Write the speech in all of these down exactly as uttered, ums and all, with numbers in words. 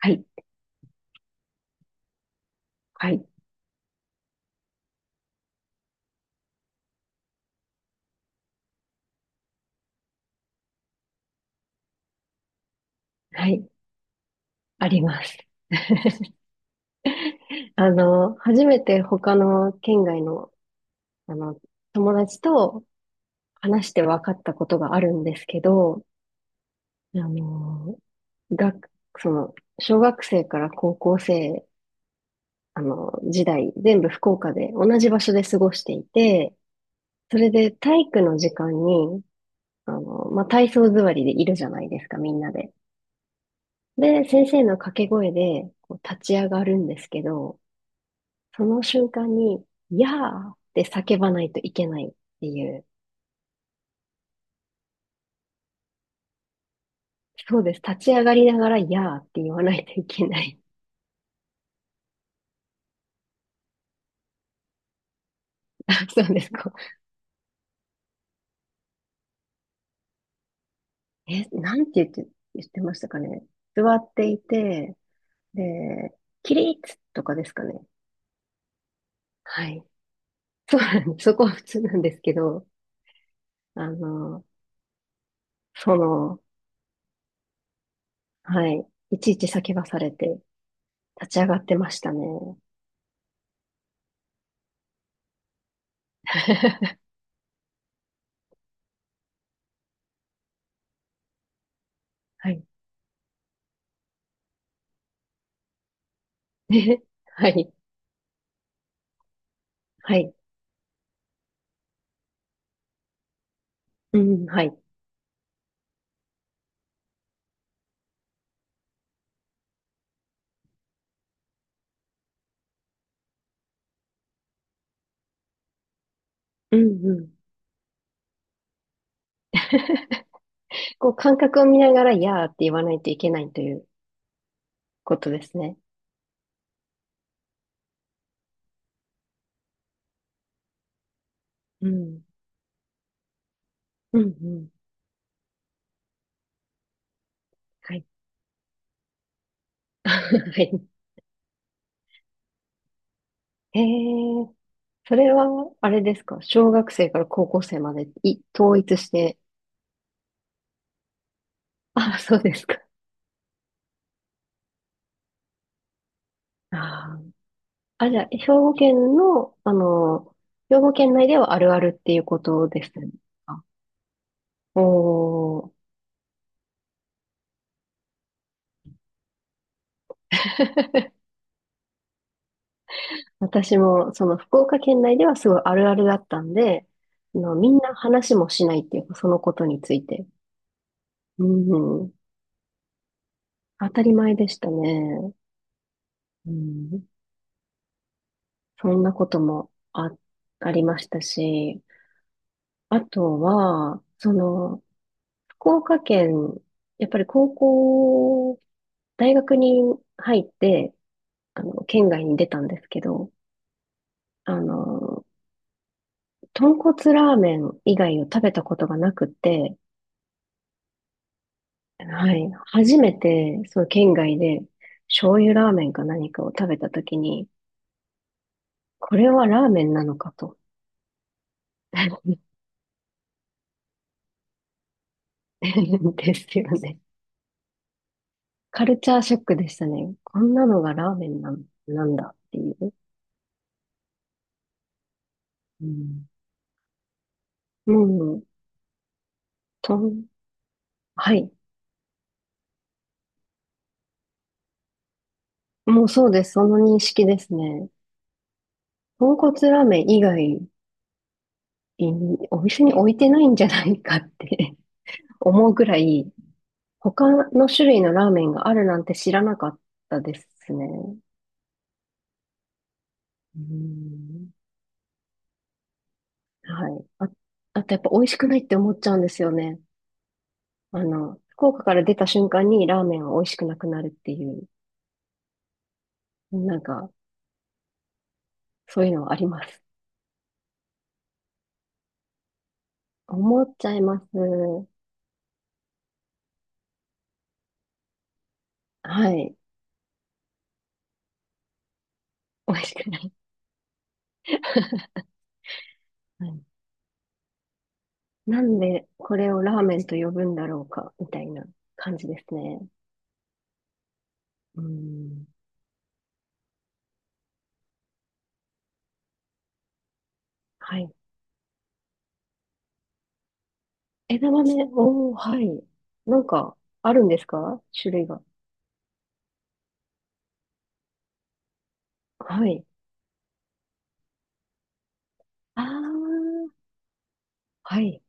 はい、はい、はい、あります。あの、初めて他の県外の、あの、友達と話して分かったことがあるんですけど、あの、学、その、小学生から高校生、あの、時代、全部福岡で同じ場所で過ごしていて、それで体育の時間に、あの、まあ、体操座りでいるじゃないですか、みんなで。で、先生の掛け声でこう立ち上がるんですけど、その瞬間に、やーって叫ばないといけないっていう。そうです。立ち上がりながら、やーって言わないといけない。あ、そうですか。え、なんて言って、言ってましたかね。座っていて、で、起立とかですかね。はい。そうなんです。そこは普通なんですけど、あの、その、はい。いちいち叫ばされて、立ち上がってましたね。はい。はい。はい。はい。うん、はい。うん、うん。こう感覚を見ながら、いやーって言わないといけないということですね。うん。うんうん。はい。はい。へえ、それは、あれですか小学生から高校生までい統一して？あ、そうですか。ああ。あ、じゃあ、兵庫県の、あの、兵庫県内ではあるあるっていうことですね。あおー。私も、その福岡県内ではすごいあるあるだったんで、あの、みんな話もしないっていうか、そのことについて。うん当たり前でしたね。うん。そんなこともあ、ありましたし、あとは、その、福岡県、やっぱり高校、大学に入って、あの、県外に出たんですけど、あの、豚骨ラーメン以外を食べたことがなくて、はい、初めて、その県外で、醤油ラーメンか何かを食べたときに、これはラーメンなのかと、ですよね。カルチャーショックでしたね。こんなのがラーメンなん、なんだっていう。うん。もう、とん、はい。もうそうです。その認識ですね。豚骨ラーメン以外に、お店に置いてないんじゃないかって 思うぐらい、他の種類のラーメンがあるなんて知らなかったですね。うんはい。あ、あとやっぱ美味しくないって思っちゃうんですよね。あの、福岡から出た瞬間にラーメンは美味しくなくなるっていう、なんか、そういうのはあります。思っちゃいます。はい。美味しくない。はい。なんでこれをラーメンと呼ぶんだろうか、みたいな感じですね。うん。はい。枝豆、おー、はい。なんか、あるんですか種類が？はい。あー、はい。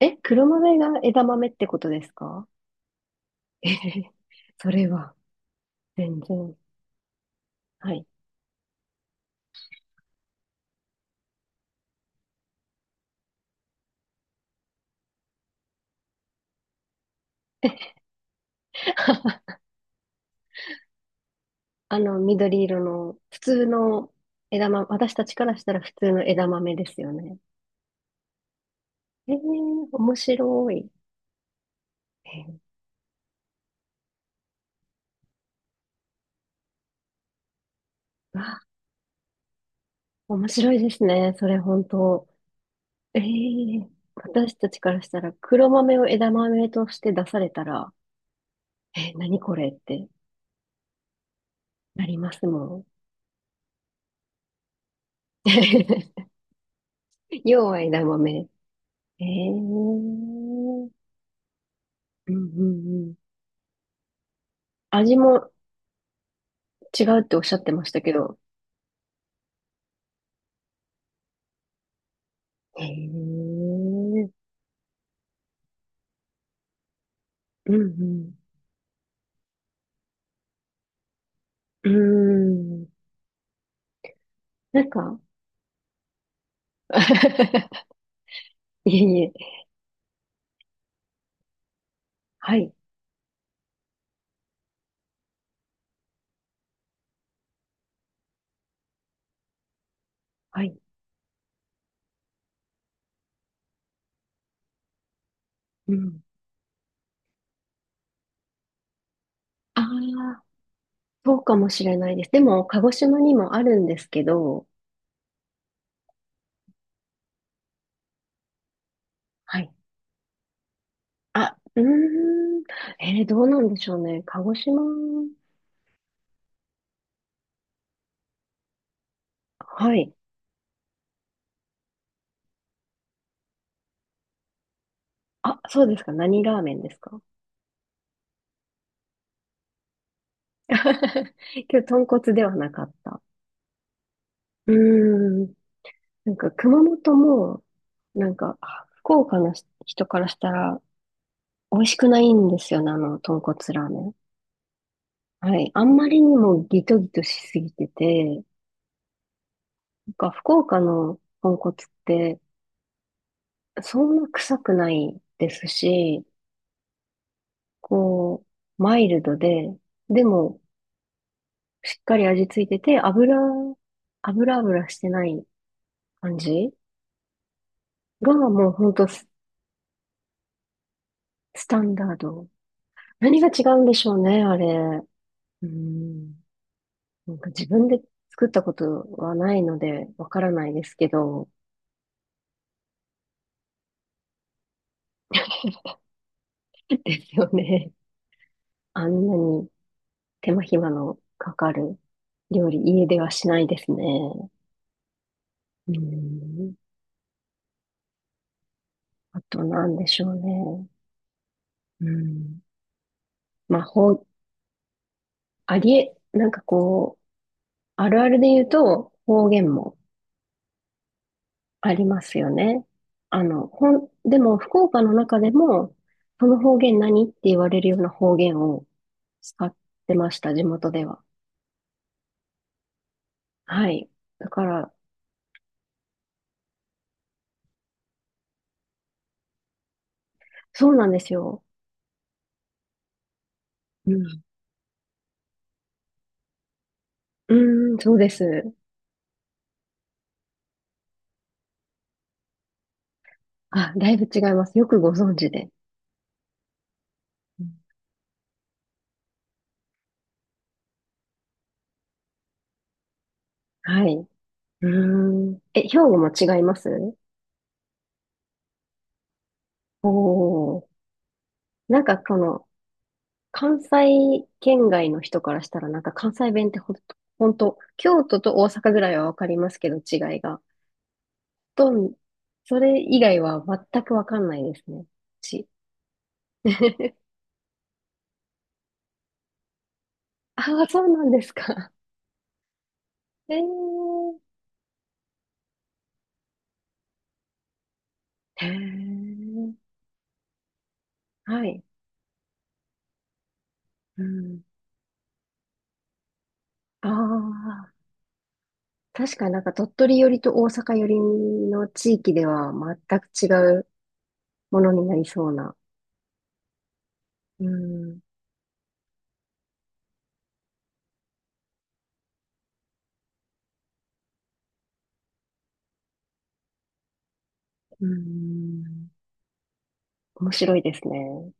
え、黒豆が枝豆ってことですか？えへへそれは、全然。はい。あの、緑色の、普通の枝豆、私たちからしたら普通の枝豆ですよね。ええ面白い。えー、あ、面白いですね。それ本当。ええ私たちからしたら黒豆を枝豆として出されたら、えー、何これってなりますもん。要は枝豆。ええうんうんうん。味も違うっておっしゃってましたけど。ええうんうんうーん。なんか、いえいえ。はい。はい。うん。ああ、そうかもしれないです。でも、鹿児島にもあるんですけど、はい。あ、うーん。えー、どうなんでしょうね。鹿児島。はい。あ、そうですか。何ラーメンですか？ 今日、豚骨ではなかった。うーん。なんか、熊本も、なんか、あ福岡の人からしたら、美味しくないんですよね、あの、豚骨ラーメン。はい。あんまりにもギトギトしすぎてて、なんか福岡の豚骨ってそんな臭くないですし、こう、マイルドで、でもしっかり味ついてて、油、油油してない感じがもうほんとス、スタンダード。何が違うんでしょうね、あれ。うん。なんか自分で作ったことはないのでわからないですけど、ですよね。あんなに。手間暇のかかる料理、家ではしないですね。うん。あとなんでしょうね。うん。まあ、ほう、ありえ、なんかこう、あるあるで言うと方言もありますよね。あの、ほん、でも福岡の中でも、その方言何って言われるような方言を使ってました、地元では。はい。だから、そうなんですよ。うん。うーん、そうです。あ、だいぶ違います。よくご存知で。はい。うーん。え、兵庫も違いますおー。なんかこの、関西圏外の人からしたら、なんか関西弁ってほんと、ほんと、京都と大阪ぐらいはわかりますけど、違いが。と、それ以外は全くわかんないですね。ち。ああ、そうなんですか。えー。へー。はい。うん。ああ。確かになんか鳥取寄りと大阪寄りの地域では全く違うものになりそうな。うん。うん。面白いですね。